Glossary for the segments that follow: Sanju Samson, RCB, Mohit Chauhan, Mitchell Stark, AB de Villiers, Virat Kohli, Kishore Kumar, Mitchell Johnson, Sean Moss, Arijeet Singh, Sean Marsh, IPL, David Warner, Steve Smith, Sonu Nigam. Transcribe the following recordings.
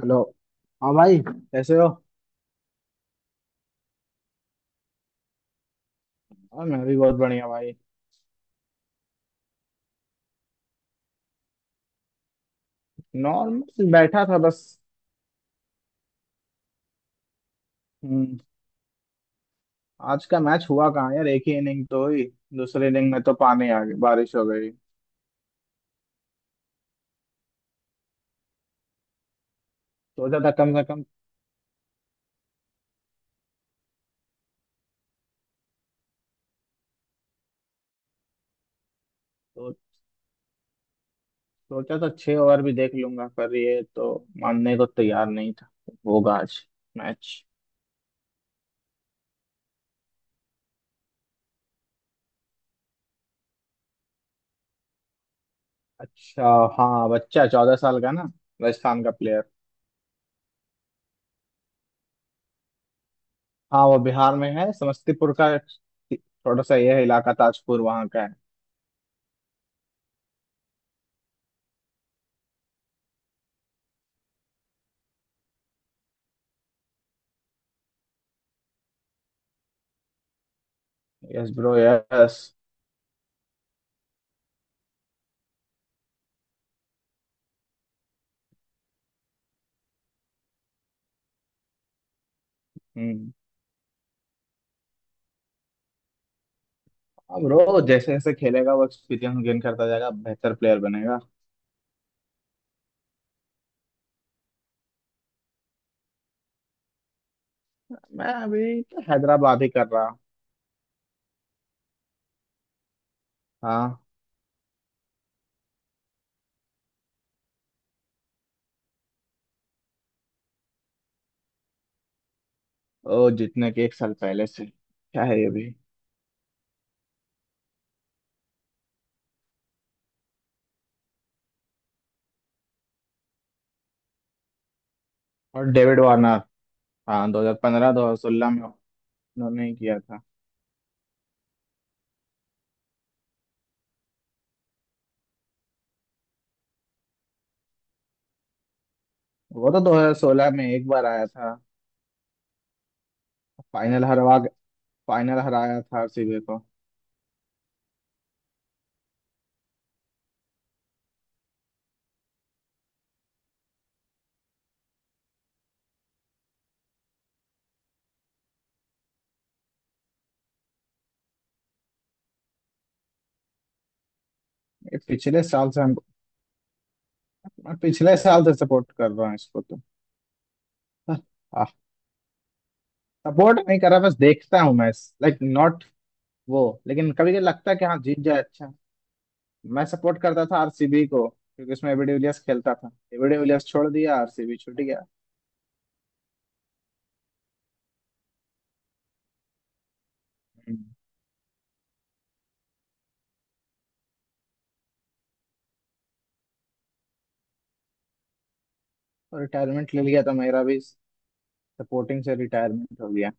Hello. हाँ भाई कैसे हो? हाँ मैं भी बहुत बढ़िया भाई। नॉर्मल बैठा था बस। हम्म। आज का मैच हुआ कहाँ यार, एक ही इनिंग तो हुई। दूसरे इनिंग में तो पानी आ गई, बारिश हो गई। सोचा था कम से कम, सो- सोचा था 6 ओवर भी देख लूंगा, पर ये तो मानने को तैयार नहीं था। होगा आज मैच। अच्छा। हाँ बच्चा 14 साल का ना, राजस्थान का प्लेयर। हाँ वो बिहार में है, समस्तीपुर का। थोड़ा सा यह इलाका ताजपुर वहाँ का है। Yes bro yes. हम्म। हाँ ब्रो, जैसे जैसे खेलेगा वो एक्सपीरियंस गेन करता जाएगा, बेहतर प्लेयर बनेगा। मैं अभी तो हैदराबाद ही कर रहा। हाँ। ओ जितने के एक साल पहले से, क्या है ये भी। और डेविड वार्नर। हाँ 2015 2016 में उन्होंने ही किया था। वो तो 2016 में एक बार आया था। फाइनल हरवा फाइनल हराया था आरसीबी को। ये पिछले साल से हम मैं पिछले साल से सपोर्ट कर रहा हूँ इसको तो। सपोर्ट नहीं कर रहा, बस देखता हूँ मैच, लाइक नॉट वो। लेकिन कभी कभी लगता है कि हाँ जीत जाए, अच्छा। मैं सपोर्ट करता था आरसीबी को क्योंकि उसमें एबी डिविलियर्स खेलता था। एबी डिविलियर्स छोड़ दिया, आरसीबी छूट गया। हम्म। और रिटायरमेंट ले लिया तो मेरा भी सपोर्टिंग से रिटायरमेंट हो गया।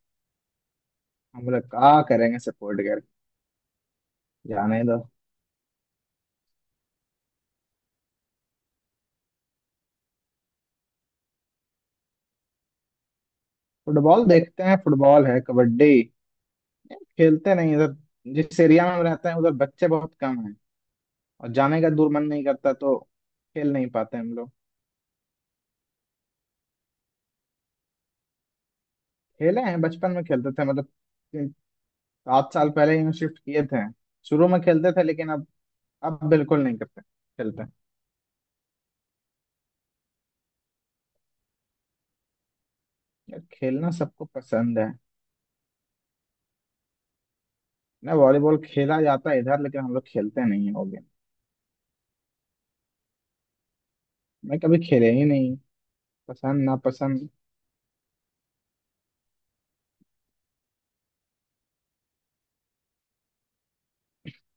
हम लोग क्या करेंगे सपोर्ट कर, जाने दो। फुटबॉल देखते हैं, फुटबॉल है, कबड्डी। ये खेलते नहीं इधर। जिस एरिया में हम रहते हैं, उधर बच्चे बहुत कम हैं और जाने का दूर मन नहीं करता, तो खेल नहीं पाते हम लोग। खेले हैं, बचपन में खेलते थे मतलब, तीन- 7 साल पहले ही शिफ्ट किए थे। शुरू में खेलते थे लेकिन अब बिल्कुल नहीं करते खेलते। यार खेलना सबको पसंद है ना, वॉलीबॉल खेला जाता है इधर लेकिन हम लोग खेलते नहीं, हो गए। मैं कभी खेले ही नहीं, पसंद ना पसंद।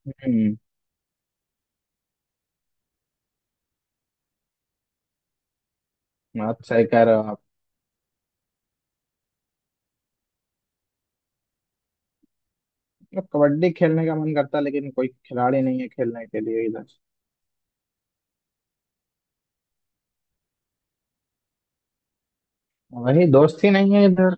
हम्म। आप सही कह रहे हो आप। मतलब कबड्डी खेलने का मन करता है, लेकिन कोई खिलाड़ी नहीं है खेलने के लिए इधर। वही दोस्त ही नहीं है इधर।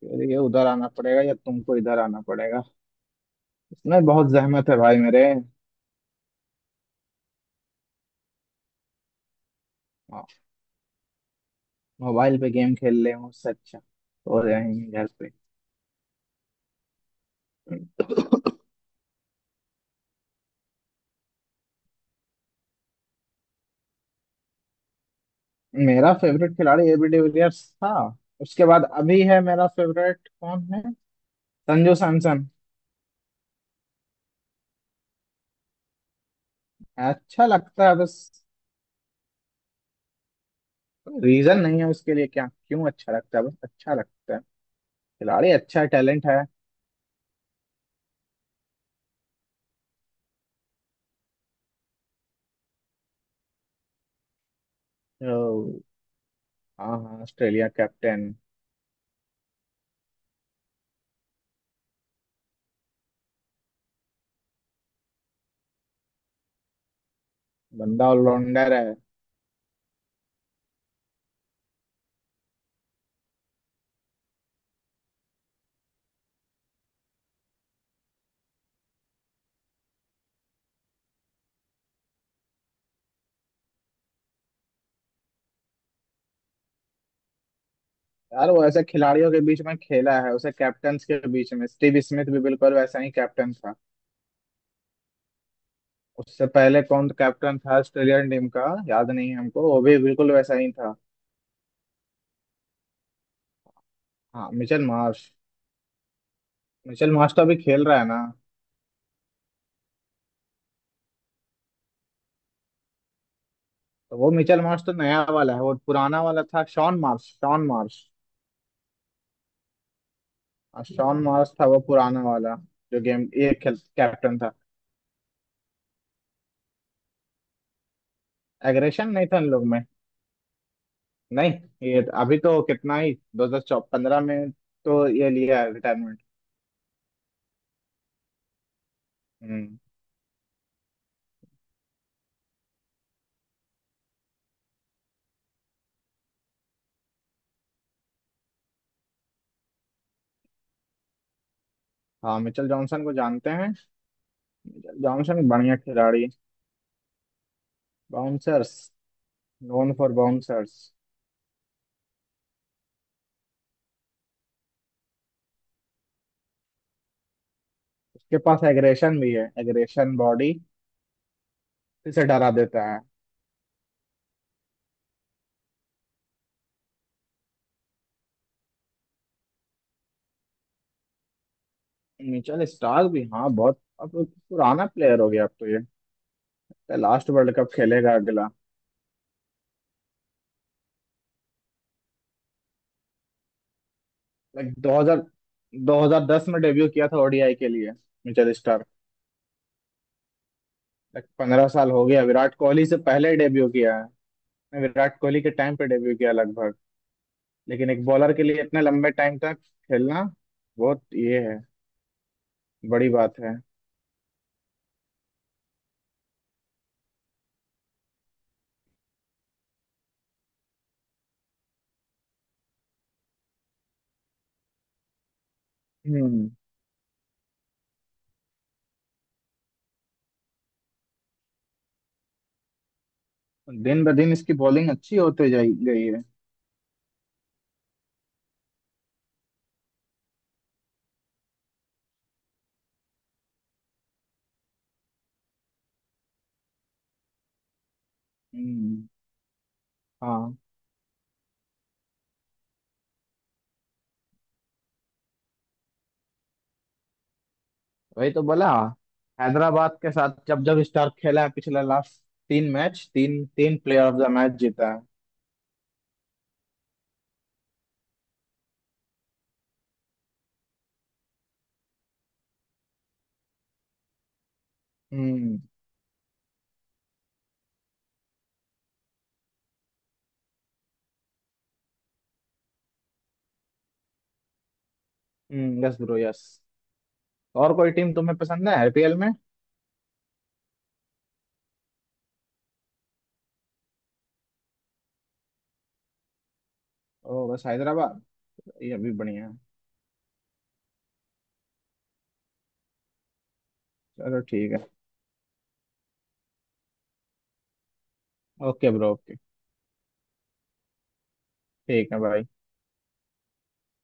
फिर ये उधर आना पड़ेगा या तुमको इधर आना पड़ेगा। इसमें बहुत जहमत है भाई मेरे। हाँ। मोबाइल पे गेम खेल ले हूँ उससे अच्छा, हो जाएंगे घर पे। मेरा फेवरेट खिलाड़ी एबी डिविलियर्स था। उसके बाद अभी है मेरा फेवरेट कौन है, संजू सैमसन। अच्छा लगता है बस। रीजन नहीं है उसके लिए, क्या क्यों अच्छा लगता है, बस अच्छा लगता है। खिलाड़ी अच्छा है, टैलेंट है। तो, हाँ हाँ, ऑस्ट्रेलिया कैप्टन। बंदा ऑलराउंडर है। यार वो ऐसे खिलाड़ियों के बीच में खेला है, उसे कैप्टन के बीच में, स्टीव स्मिथ भी बिल्कुल वैसा ही कैप्टन था। उससे पहले कौन कैप्टन था ऑस्ट्रेलियन टीम का? याद नहीं है हमको, वो भी बिल्कुल वैसा ही था। हाँ मिचेल मार्श। मिचेल मार्श तो अभी खेल रहा है ना। तो वो मिचेल मार्श तो नया वाला है, वो पुराना वाला था शॉन मार्श, शॉन मार्श। और शॉन मॉस था वो पुराना वाला, जो गेम ये खेल कैप्टन था। एग्रेशन नहीं था इन लोग में। नहीं, ये तो अभी तो कितना ही, 2015 में तो ये लिया है रिटायरमेंट। हम्म। हाँ मिचेल जॉनसन को जानते हैं। जॉनसन बढ़िया खिलाड़ी। Bouncers, known for bouncers. उसके पास एग्रेशन भी है, एग्रेशन बॉडी, इसे डरा देता है। मिचेल स्टार्क भी हाँ बहुत, अब पुराना प्लेयर हो गया अब तो ये। लास्ट वर्ल्ड कप खेलेगा अगला। लाइक 2000 2010 में डेब्यू किया था ओडीआई के लिए, मिचेल स्टार्क। लाइक 15 साल हो गया, विराट कोहली से पहले डेब्यू किया है। विराट कोहली के टाइम पे डेब्यू किया लगभग। लेकिन एक बॉलर के लिए इतने लंबे टाइम तक खेलना बहुत ये है, बड़ी बात है। हम्म। दिन ब दिन इसकी बॉलिंग अच्छी होते जाई गई है। हम्म। हाँ वही तो बोला। हैदराबाद के साथ जब जब स्टार्क खेला है पिछला लास्ट, तीन मैच, तीन तीन प्लेयर ऑफ द मैच जीता है। हम्म। हम्म। Yes bro yes. और कोई टीम तुम्हें पसंद है आईपीएल में? ओ बस हैदराबाद। ये अभी बढ़िया है। चलो ठीक है। Okay bro okay. ठीक है भाई।